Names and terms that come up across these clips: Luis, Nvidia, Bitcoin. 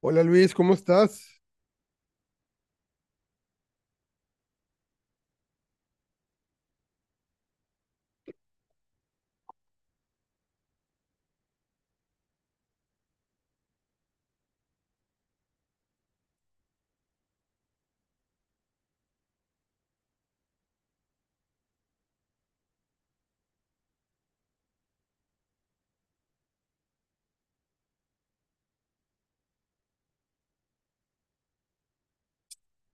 Hola Luis, ¿cómo estás?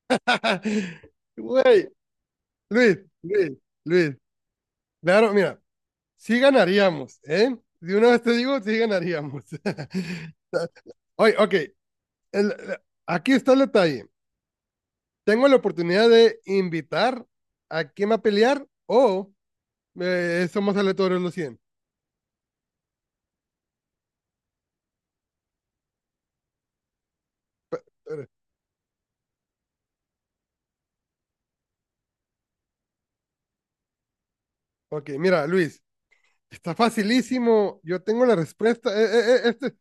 Güey, Luis, Luis, Luis. Claro, mira, sí ganaríamos, ¿eh? De una vez te digo, sí ganaríamos. Oye, ok, el- aquí está el detalle. Tengo la oportunidad de invitar a quien va a pelear o somos aleatorios los 100. Ok, mira, Luis, está facilísimo. Yo tengo la respuesta.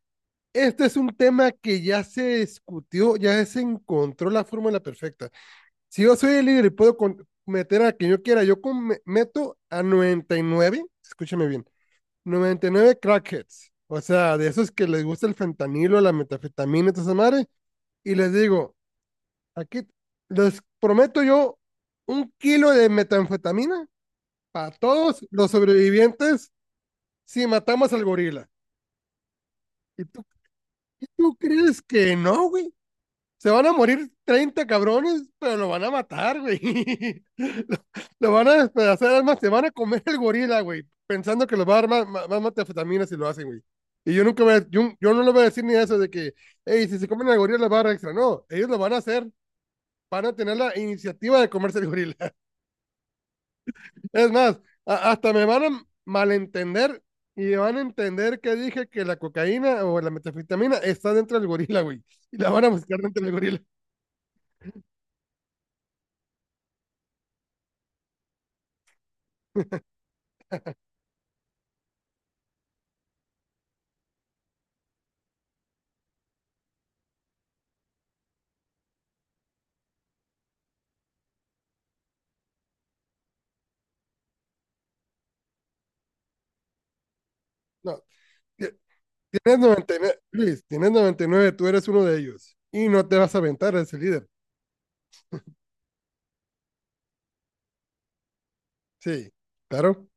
Este es un tema que ya se discutió, ya se encontró la fórmula perfecta. Si yo soy el líder y puedo meter a quien yo quiera, yo meto a 99, escúchame bien, 99 crackheads, o sea, de esos que les gusta el fentanilo, la metafetamina y toda esa madre, y les digo, aquí les prometo yo un kilo de metanfetamina para todos los sobrevivientes si matamos al gorila. ¿Y tú, y tú crees que no, güey? Se van a morir 30 cabrones, pero lo van a matar, güey. Lo, lo van a despedazar, además se van a comer el gorila, güey, pensando que los va a dar más metanfetaminas si lo hacen, güey. Y yo no le voy a decir ni eso de que, hey, si se comen el gorila les va a dar extra. No, ellos lo van a hacer, van a tener la iniciativa de comerse el gorila. Es más, hasta me van a malentender y van a entender que dije que la cocaína o la metanfetamina está dentro del gorila, güey. Y la van a buscar dentro del gorila. No, tienes 99, Luis, tienes 99, tú eres uno de ellos. Y no te vas a aventar a ese líder. Sí, claro.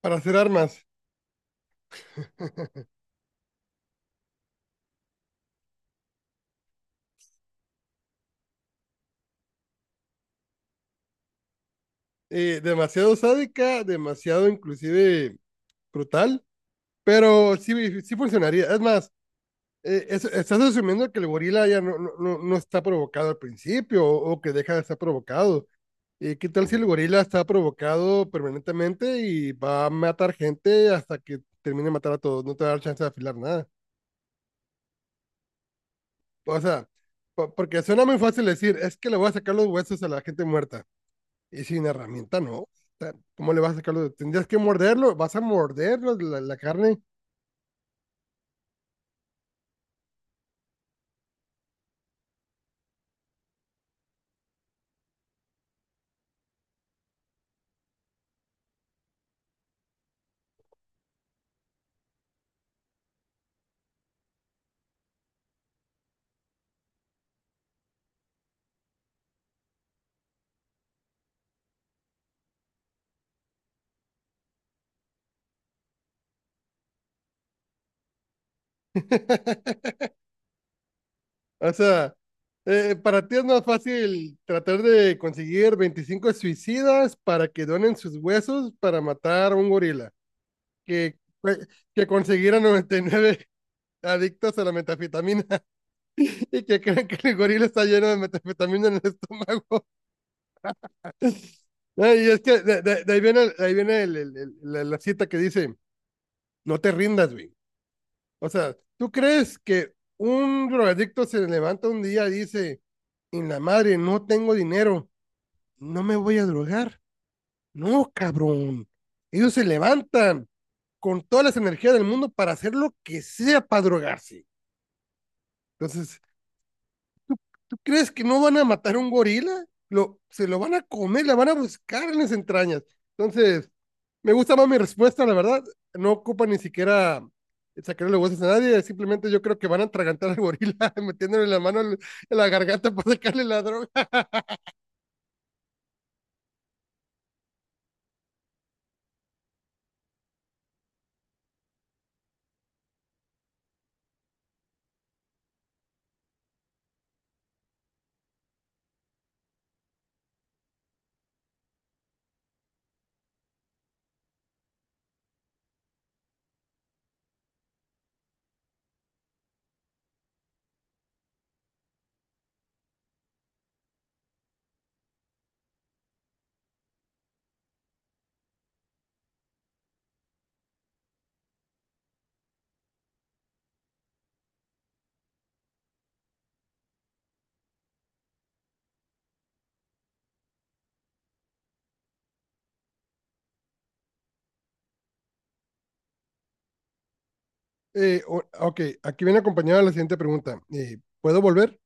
Para hacer armas. Demasiado sádica, demasiado inclusive brutal, pero sí, sí funcionaría. Es más, estás asumiendo que el gorila ya no está provocado al principio o, que deja de estar provocado. ¿Qué tal si el gorila está provocado permanentemente y va a matar gente hasta que termine de matar a todos? No te va a dar chance de afilar nada. O sea, porque suena muy fácil decir, es que le voy a sacar los huesos a la gente muerta. Y sin herramienta, no. O sea, ¿cómo le vas a sacar los? Tendrías que morderlo, vas a morder la carne. O sea, para ti es más fácil tratar de conseguir 25 suicidas para que donen sus huesos para matar a un gorila que, que conseguir a 99 adictos a la metafetamina y que crean que el gorila está lleno de metafetamina en el estómago. Y es que de ahí viene, ahí viene la cita que dice, no te rindas, güey. O sea, ¿tú crees que un drogadicto se levanta un día y dice, en la madre, no tengo dinero, no me voy a drogar? No, cabrón. Ellos se levantan con todas las energías del mundo para hacer lo que sea para drogarse. Entonces, ¿tú crees que no van a matar a un gorila? Se lo van a comer, la van a buscar en las entrañas. Entonces, me gusta más mi respuesta, la verdad. No ocupa ni siquiera sacarle huesos a nadie. Simplemente yo creo que van a atragantar al gorila metiéndole la mano en la garganta para sacarle la droga. Ok, aquí viene acompañada la siguiente pregunta. ¿Puedo volver?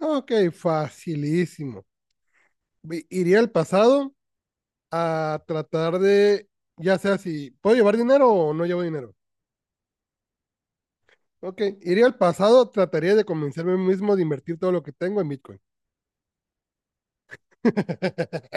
Ok, facilísimo. Iría al pasado a tratar de, ya sea si puedo llevar dinero o no llevo dinero. Ok, iría al pasado, trataría de convencerme a mí mismo de invertir todo lo que tengo en Bitcoin.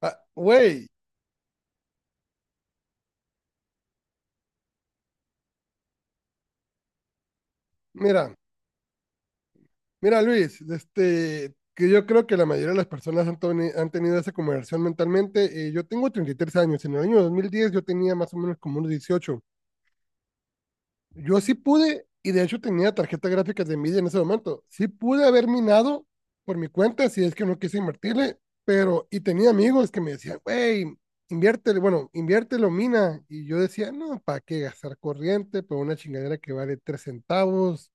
Ah, güey, mira, mira, Luis, que yo creo que la mayoría de las personas han tenido esa conversión mentalmente. Yo tengo 33 años, en el año 2010 yo tenía más o menos como unos 18. Yo sí pude, y de hecho tenía tarjetas gráficas de Nvidia en ese momento, sí pude haber minado por mi cuenta si es que no quise invertirle, pero, y tenía amigos que me decían, güey, inviértele, bueno, inviértelo, mina. Y yo decía, no, ¿para qué gastar corriente por una chingadera que vale 3 centavos?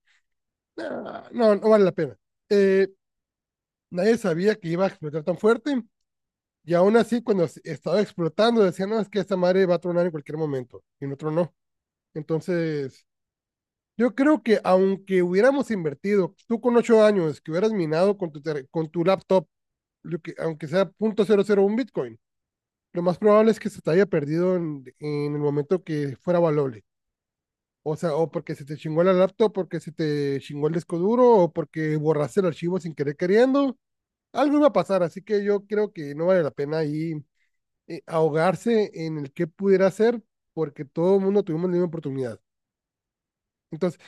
No, no, no vale la pena. Eh, Nadie sabía que iba a explotar tan fuerte. Y aún así, cuando estaba explotando, decían, no, es que esta madre va a tronar en cualquier momento. Y en otro no. Entonces, yo creo que aunque hubiéramos invertido, tú con 8 años, que hubieras minado con tu laptop, lo que, aunque sea .001 Bitcoin, lo más probable es que se te haya perdido en el momento que fuera valable. O sea, o porque se te chingó la laptop, porque se te chingó el disco duro, o porque borraste el archivo sin querer queriendo, algo iba a pasar, así que yo creo que no vale la pena ahí ahogarse en el que pudiera ser, porque todo el mundo tuvimos la misma oportunidad. Entonces,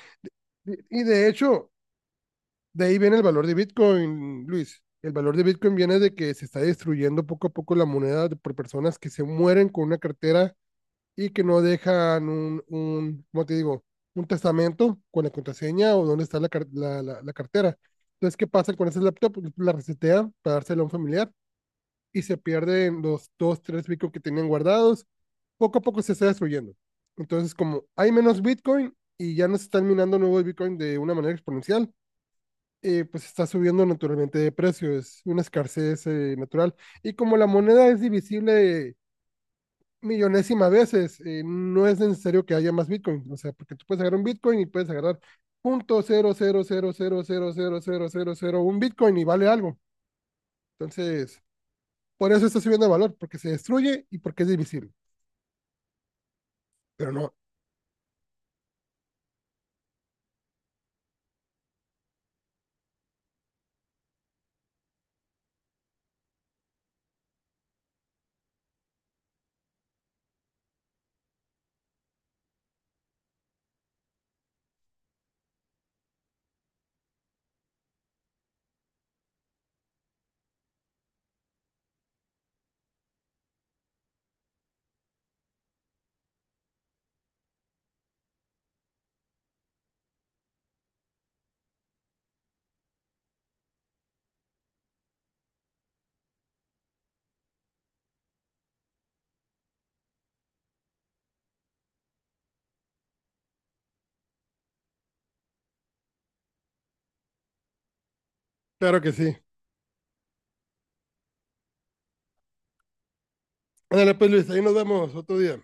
de hecho, de ahí viene el valor de Bitcoin, Luis. El valor de Bitcoin viene de que se está destruyendo poco a poco la moneda por personas que se mueren con una cartera y que no dejan ¿cómo te digo? Un testamento con la contraseña o dónde está la cartera. Entonces, ¿qué pasa con ese laptop? La resetea para dársela a un familiar y se pierden los dos, tres Bitcoin que tenían guardados. Poco a poco se está destruyendo. Entonces, como hay menos Bitcoin y ya no se están minando nuevos Bitcoin de una manera exponencial, pues está subiendo naturalmente de precio. Es una escasez natural. Y como la moneda es divisible millonésima veces, no es necesario que haya más Bitcoin. O sea, porque tú puedes agarrar un Bitcoin y puedes agarrar 0.000000001 Bitcoin y vale algo. Entonces, por eso está subiendo de valor, porque se destruye y porque es divisible. Pero no, claro que sí. Ándale, pues Luis, ahí nos vemos otro día.